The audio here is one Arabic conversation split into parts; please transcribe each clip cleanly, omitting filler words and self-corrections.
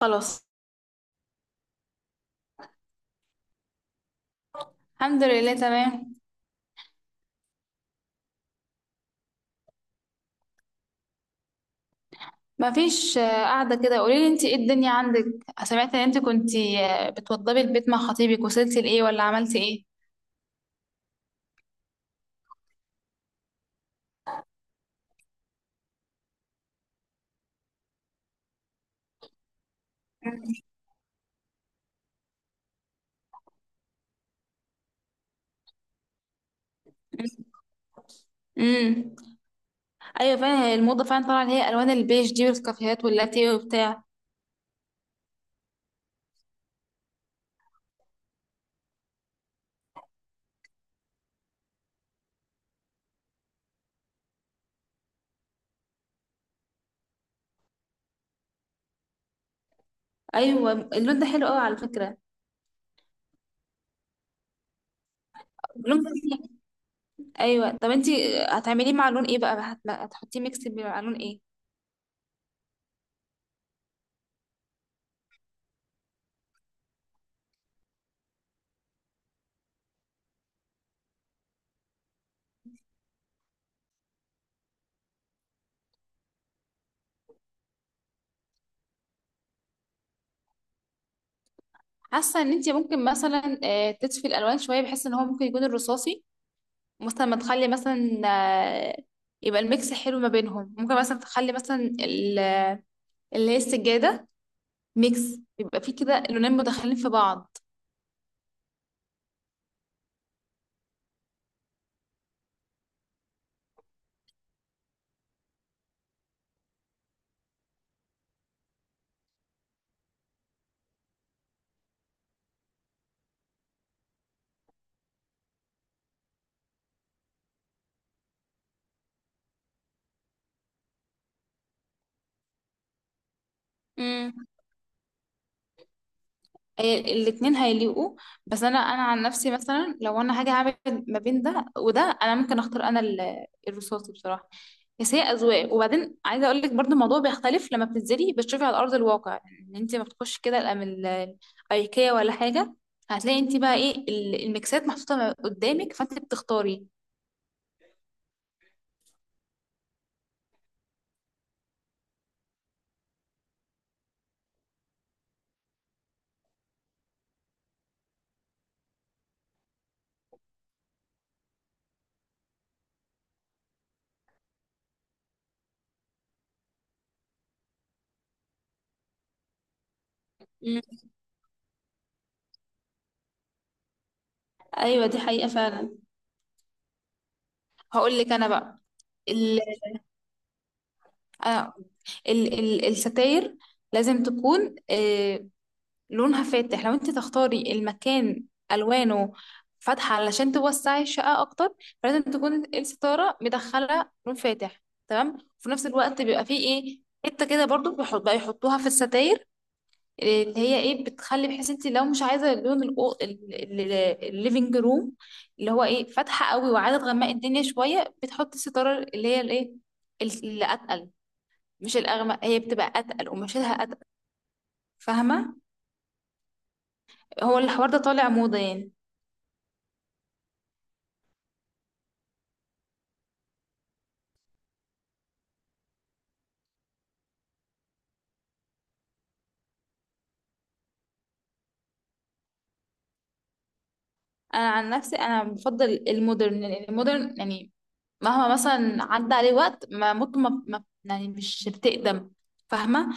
خلاص. الحمد لله، تمام. مفيش قاعدة كده. قوليلي انت ايه الدنيا عندك؟ سمعت ان انت كنت بتوضبي البيت مع خطيبك، وصلتي لايه ولا عملتي ايه؟ امم. ايوه فعلا، هي الموضة فعلا طالعة، اللي هي الوان البيج دي والكافيهات واللاتيه وبتاع. ايوه، اللون ده حلو قوي على فكرة. اللون ده جميل. ايوه، طب انت هتعمليه مع لون ايه بقى، هتحطيه ميكس مع لون ايه؟ حاسة ان انت ممكن مثلا تطفي الالوان شوية، بحيث ان هو ممكن يكون الرصاصي مثلا. ما تخلي مثلا يبقى الميكس حلو ما بينهم. ممكن مثلا تخلي مثلا اللي هي السجادة ميكس، يبقى فيه كده لونين مدخلين في بعض. الاتنين هيليقوا. بس انا عن نفسي مثلا لو انا هاجي اعمل ما بين ده وده، انا ممكن اختار انا الرصاصي بصراحه. بس هي اذواق، وبعدين عايزه اقول لك برضو، الموضوع بيختلف لما بتنزلي بتشوفي على ارض الواقع. ان انت ما بتخش كده الايكيا ولا حاجه. هتلاقي انت بقى ايه الميكسات محطوطه قدامك، فانت بتختاري. مم. ايوه دي حقيقه فعلا. هقول لك انا بقى ال... آه، ال... ال... الستاير لازم تكون لونها فاتح. لو انت تختاري المكان الوانه فاتحه علشان توسعي الشقه اكتر، فلازم تكون الستاره مدخله لون فاتح تمام. وفي نفس الوقت بيبقى فيه ايه، حته كده برضو بيحط بقى يحطوها في الستاير، اللي هي ايه بتخلي، بحيث انت لو مش عايزه لون الليفنج روم اللي هو ايه فاتحه قوي وعايزه تغمقي الدنيا شويه، بتحطي الستاره اللي هي الايه اللي اتقل. مش الاغمق، هي بتبقى اتقل ومشيلها اتقل، فاهمه؟ هو الحوار ده طالع موضه يعني. انا عن نفسي انا بفضل المودرن، لان المودرن يعني مهما مثلا عدى عليه وقت، ما ممكن يعني مش بتقدم، فاهمه؟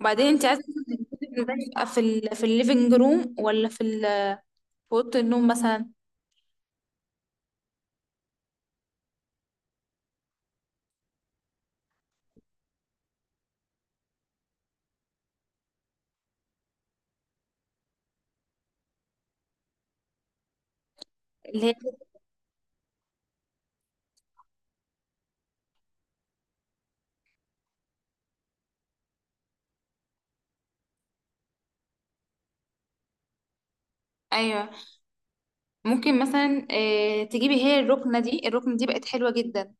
وبعدين انت عايزه مثلاً تبقى في الليفنج روم، ولا في اوضه النوم مثلا اللي هي ايوه. ممكن مثلا تجيبي هي الركنه دي، الركنه دي بقت حلوه جدا.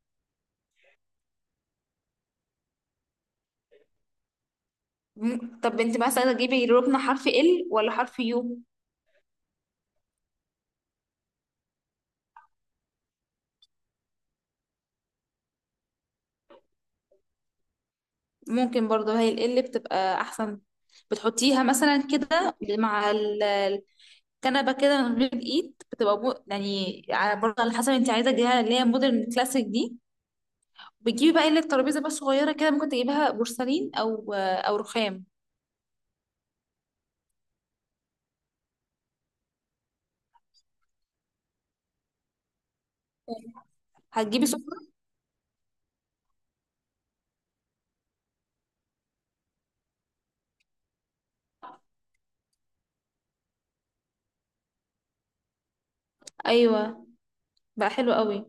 طب انت مثلا تجيبي الركنه حرف ال ولا حرف يو؟ ممكن برضه هي ال L بتبقى احسن. بتحطيها مثلا كده مع كنبه كده من غير ايد بتبقى يعني على برضه على حسب انت عايزه تجيبها، اللي هي مودرن كلاسيك دي. بتجيبي بقى اللي الترابيزه بس صغيره كده، ممكن تجيبها بورسلين او رخام. هتجيبي سفرة؟ ايوه بقى حلو قوي.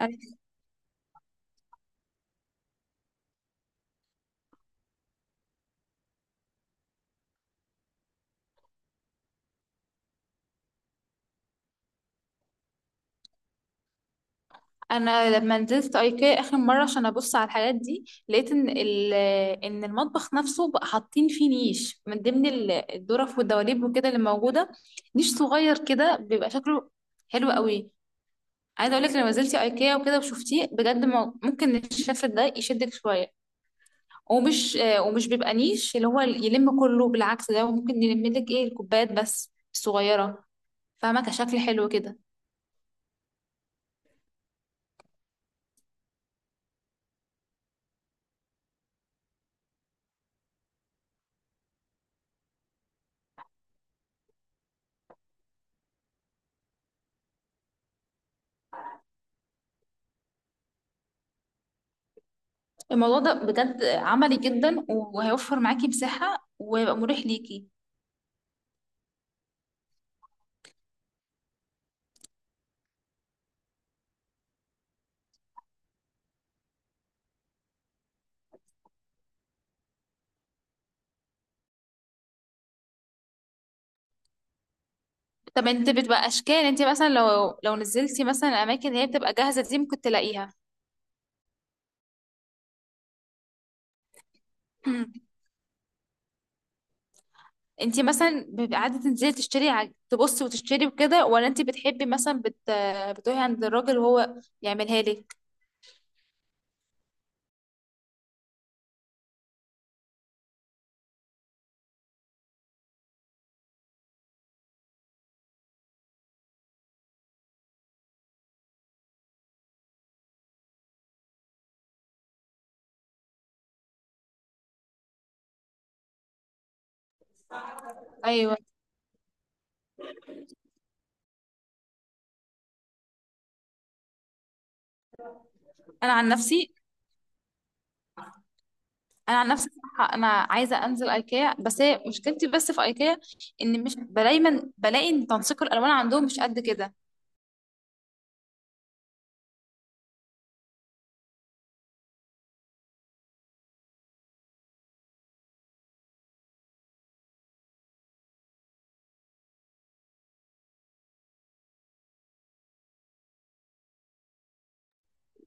انا أنا لما نزلت ايكيا اخر مره عشان ابص على الحاجات دي، لقيت ان ان المطبخ نفسه بقى حاطين فيه نيش من ضمن الدرف والدواليب وكده اللي موجوده. نيش صغير كده بيبقى شكله حلو قوي. عايزه اقول لك، لو نزلتي ايكيا وكده وشفتيه بجد، ممكن الشفت ده يشدك شويه. ومش بيبقى نيش اللي هو يلم كله، بالعكس ده ممكن يلم لك ايه الكوبايات بس الصغيره، فاهمه؟ كشكل حلو كده. الموضوع ده بجد عملي جدا، وهيوفر معاكي مساحه، ويبقى مريح ليكي. طب انت بتبقى اشكال، انت مثلا لو نزلتي مثلا اماكن هي بتبقى جاهزه دي ممكن تلاقيها. انتي مثلا بيبقى قاعده تنزلي تشتري تبصي وتشتري وكده، ولا انتي بتحبي مثلا بتروحي عند الراجل وهو يعملها لك؟ ايوه انا عن نفسي انا عن نفسي صراحة انا عايزه انزل ايكيا. بس هي مشكلتي بس في ايكيا، ان مش دايما بلاقي ان تنسيق الالوان عندهم مش قد كده.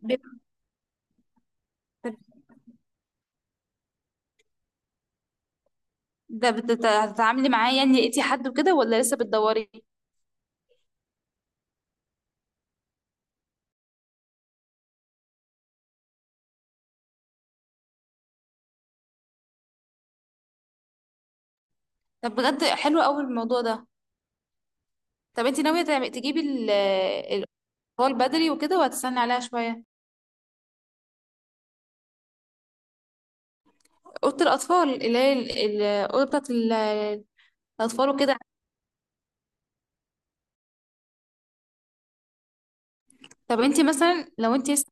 بت- ده هتتعاملي معاه يعني، لقيتي حد وكده ولا لسه بتدوري؟ طب بجد حلو قوي الموضوع ده. طب انتي ناويه تجيبي الاطفال بدري وكده، وهتستني عليها شويه؟ اوضه الاطفال اللي هي الاوضه بتاعت الاطفال وكده. طب انت مثلا لو انت لسه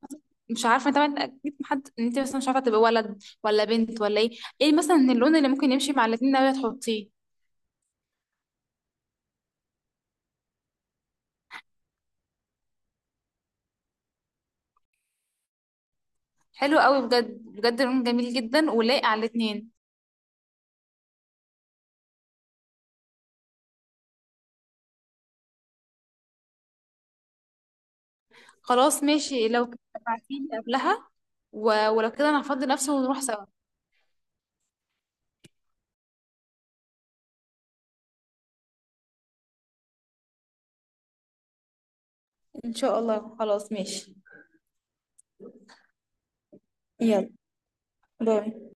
مش عارفه طبعا، اكيد محد ان انت مثلا مش عارفه تبقى ولد ولا بنت ولا ايه. ايه مثلا اللون اللي ممكن يمشي مع الاتنين ناويه تحطيه؟ حلو قوي، بجد بجد لون جميل جدا ولايق على الاتنين. خلاص ماشي، لو كده ابعتيلي قبلها، ولو كده انا هفضي نفسي ونروح سوا. ان شاء الله خلاص ماشي. يلا باي.